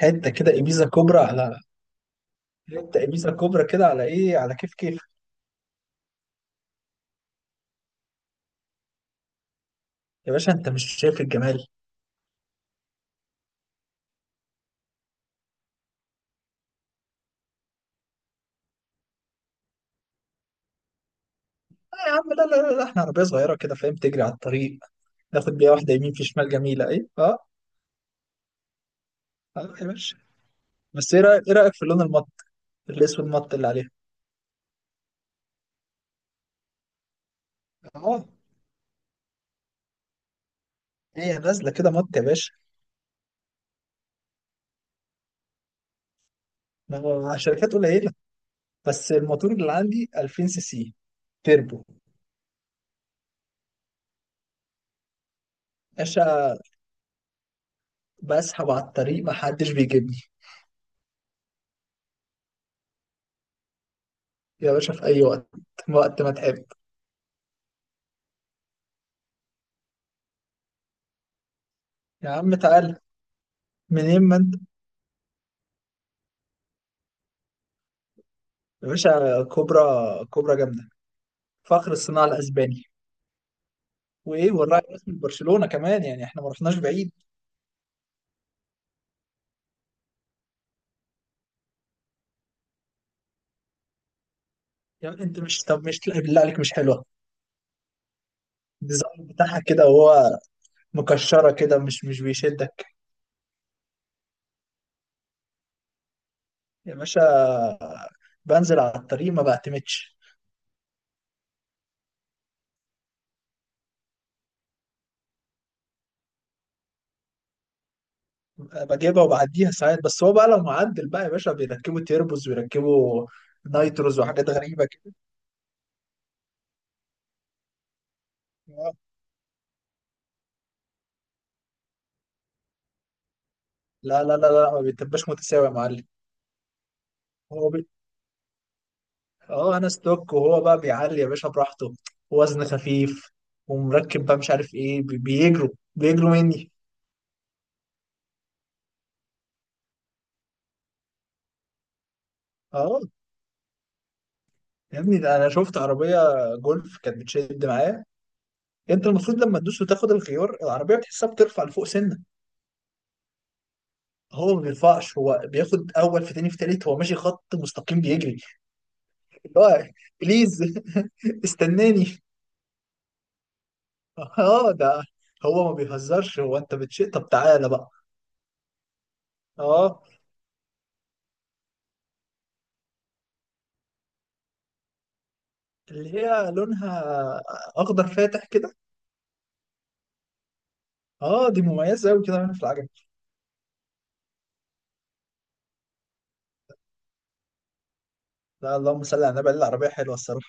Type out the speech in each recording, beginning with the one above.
حته كده ابيزا كبرى على حته ابيزا كبرى كده على ايه، على كيف كيف. يا باشا، انت مش شايف الجمال؟ آه يا عم، لا لا لا لا، احنا عربيه صغيره كده فاهم، تجري على الطريق. ناخد بيها واحده يمين في شمال، جميله ايه اه. آه يا باشا. بس ايه رايك، ايه رايك في اللون المط، الاسود المط اللي عليها. اه، هي نازله كده مط يا باشا. ما هو شركات قليله، بس الموتور اللي عندي 2000 سي سي تربو. باشا، بسحب على الطريق ما حدش بيجيبني. يا باشا، في اي وقت، وقت ما تحب. يا عم تعال، منين ما انت. يا باشا كوبرا، كوبرا جامده، فخر الصناعه الاسباني. وايه، والراعي الرسمي لبرشلونه كمان، يعني احنا ما رحناش بعيد. يعني انت مش طب مش لا بالله عليك مش حلوه؟ الديزاين بتاعها كده وهو مكشره كده، مش بيشدك. يا باشا، بنزل على الطريق ما بعتمدش. بجيبها وبعديها ساعات، بس هو بقى لو معدل بقى يا باشا، بيركبوا تيربوز ويركبوا نايتروز وحاجات غريبه كده. لا لا لا لا، ما بيتبقاش متساوي يا معلم. هو اه، انا ستوك وهو بقى بيعلي يا باشا براحته، وزن خفيف ومركب بقى مش عارف ايه، بيجروا، بيجروا مني. اه يا ابني، ده انا شفت عربيه جولف كانت بتشد معايا. انت المفروض لما تدوس وتاخد الخيار، العربيه بتحسها بترفع لفوق سنه. هو ما بيرفعش، هو بياخد اول في تاني في تالت، هو ماشي خط مستقيم بيجري. اللي هو بليز استناني. اه ده، هو ما بيهزرش، هو انت بتشيء، طب تعالى بقى. اه، اللي هي لونها اخضر فاتح كده. اه دي مميزه قوي كده في العجل. لا اللهم صل على النبي، العربيه حلوه الصراحه.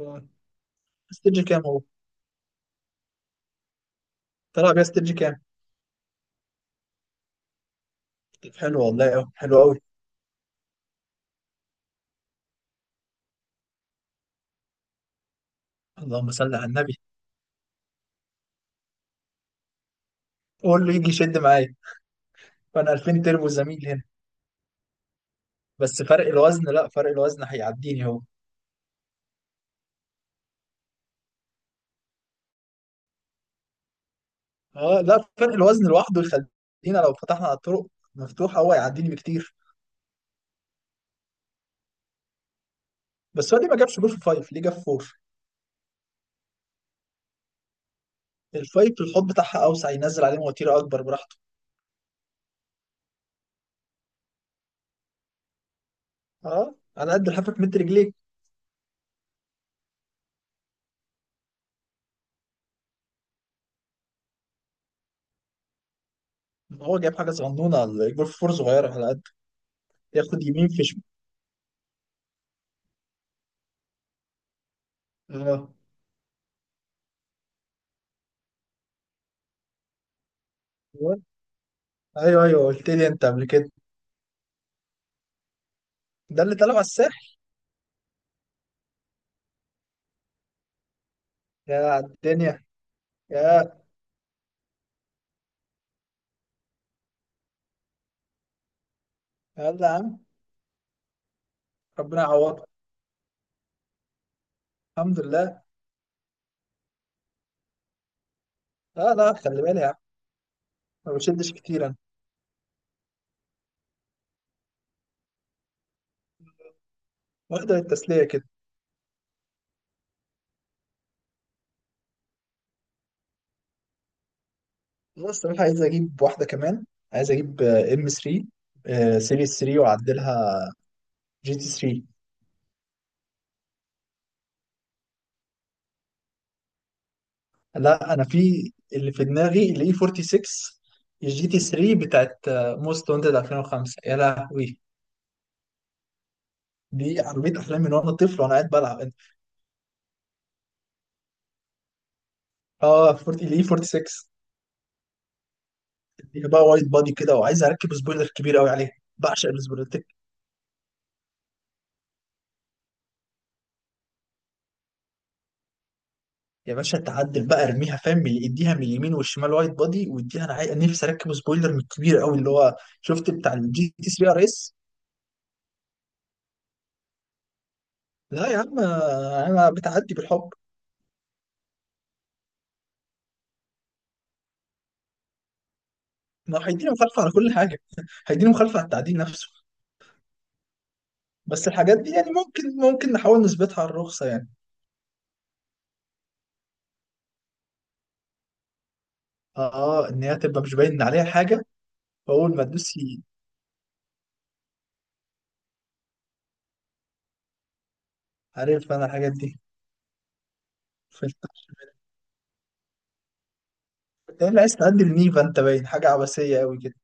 آه. استرجي كام هو؟ طلع بيها استرجي كام؟ طب حلو والله، قوي حلو قوي. اللهم صل على النبي، قول له يجي يشد معايا، فانا 2000 تربو زميل هنا. بس فرق الوزن، لا فرق الوزن هيعديني هو. اه لا، فرق الوزن لوحده يخلينا لو فتحنا على الطرق مفتوحه، هو هيعديني بكتير. بس هو ليه ما جابش جول في فايف، ليه جاب فور؟ الفايف الحوض بتاعها اوسع، ينزل عليه مواتير اكبر براحته. اه، على قد لحافك متر رجليك. هو جايب حاجه صغنونه، الجول في فور صغيره، على ياخد يمين في شمال. اه، ايوه ايوه، قلت لي انت قبل كده. ده اللي طلعوا على الساحل. يا على الدنيا يا. يلا يا عم. ربنا يعوضك، الحمد لله. لا لا، خلي بالي يا عم، ما بشدش كتير انا. واخده التسليه كده. انا الصراحه عايز اجيب واحده كمان، عايز اجيب ام 3، سيريس 3 واعدلها، جي تي 3. لا انا في اللي في دماغي الاي 46، الجي تي 3 بتاعت موست وانتد 2005، يا لهوي. دي عربيه احلامي من وانا طفل وانا قاعد بلعب. اه 40، ليه 46. هي بقى وايد بادي كده، وعايز اركب سبويلر كبير قوي عليها، بعشق السبويلرات. يا باشا تعدل بقى، ارميها فاهم، من اديها من اليمين والشمال وايد بادي، واديها، انا نفسي اركب سبويلر من الكبير قوي، اللي هو شفت بتاع الجي تي 3 ار اس. لا يا عم، آه، انا بتعدي بالحب. ما هو هيديني مخالفه على كل حاجه هيديني مخالفه على التعديل نفسه. بس الحاجات دي يعني، ممكن نحاول نثبتها على الرخصه يعني. اه، آه، ان هي تبقى مش باين عليها حاجه. فاول ما تدوس عارف انا الحاجات دي. إيه اللي عايز تقدم نيفا؟ انت باين حاجة عبثية قوي كده.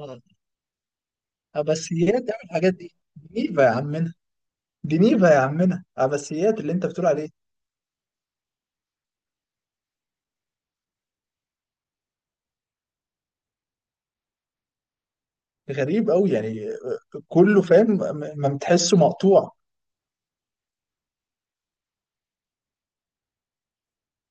مم. عبثيات يا عم، الحاجات دي، دي نيفا يا عمنا، دي نيفا يا عمنا، عبثيات اللي انت بتقول عليه. غريب قوي يعني، آه، كله فاهم، ما بتحسه مقطوع.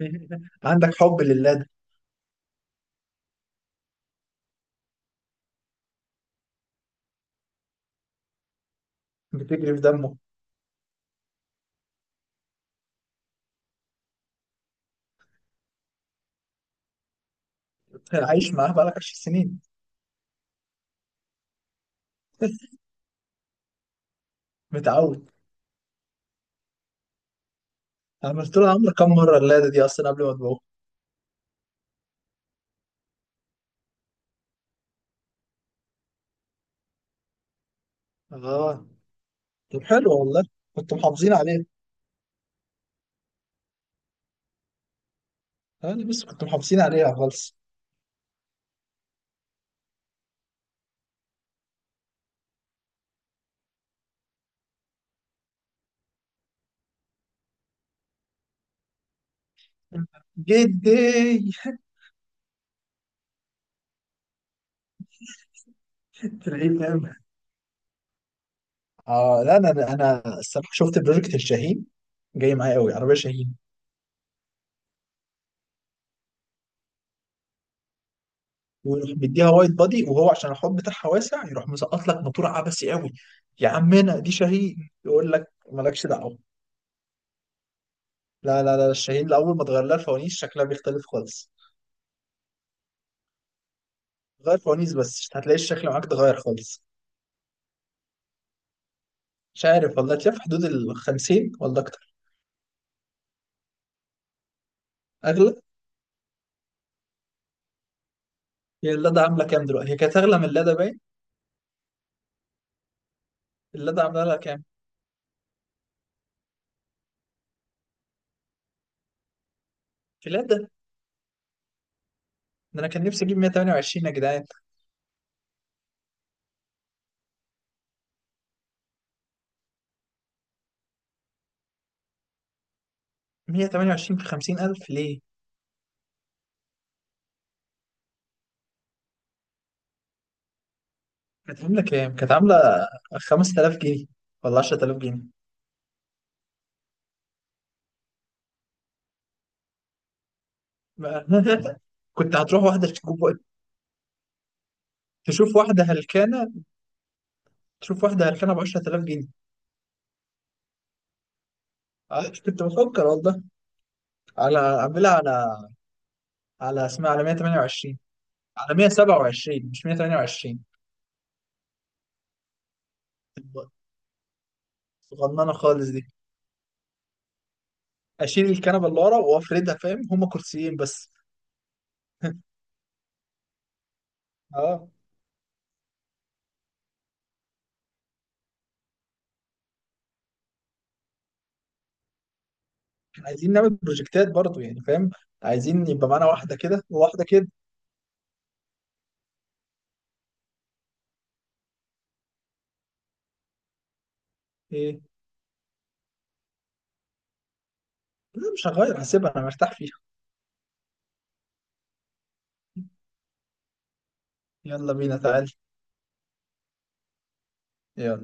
عندك حب لله ده. بتجري في دمه. عايش معاه بقالك 10 سنين. متعود. عملت لها عمرة كام مرة اللادة دي أصلا قبل ما تبوظ؟ اه طب حلو والله، كنتوا محافظين عليها. أنا بس كنتوا محافظين عليها خالص. جدي، في العيد. اه لا، انا الصراحه شفت بروجكت الشاهين، جاي معايا قوي عربيه شاهين. ويروح مديها وايد بادي، وهو عشان الحوض بتاعها واسع، يروح مسقط لك موتور عبسي قوي. يا عمنا دي شاهين، يقول لك مالكش دعوه. لا لا لا، الشاهين لاول ما تغير لها الفوانيس شكلها بيختلف خالص. غير فوانيس بس، مش هتلاقي الشكل معاك اتغير خالص. مش عارف والله، تلاقي في حدود ال 50 ولا اكتر. اغلى. هي اللادا عامله كام دلوقتي؟ هي كانت اغلى من اللادا باين. اللادا عامله لها كام؟ في اللادا، ده انا كان نفسي اجيب 128 يا جدعان. 128 في 50,000 ليه؟ كانت عاملة كام؟ كانت عاملة 5000 جنيه ولا 10000 جنيه. ما- كنت هتروح واحدة تجيب، تشوف واحدة هلكانة، تشوف واحدة هلكانة ب 10000 جنيه. آه، كنت بفكر والله، على أعملها على، على اسمها، على 128. على 127 مش 128. صغننة خالص دي، أشيل الكنبة اللي ورا وأفردها فاهم، هما كرسيين بس. اه. عايزين نعمل بروجكتات برضو يعني فاهم، عايزين يبقى معانا واحدة كده وواحدة كده. إيه؟ لا مش هغير، هسيبها أنا مرتاح فيها. يلا بينا تعال. يلا.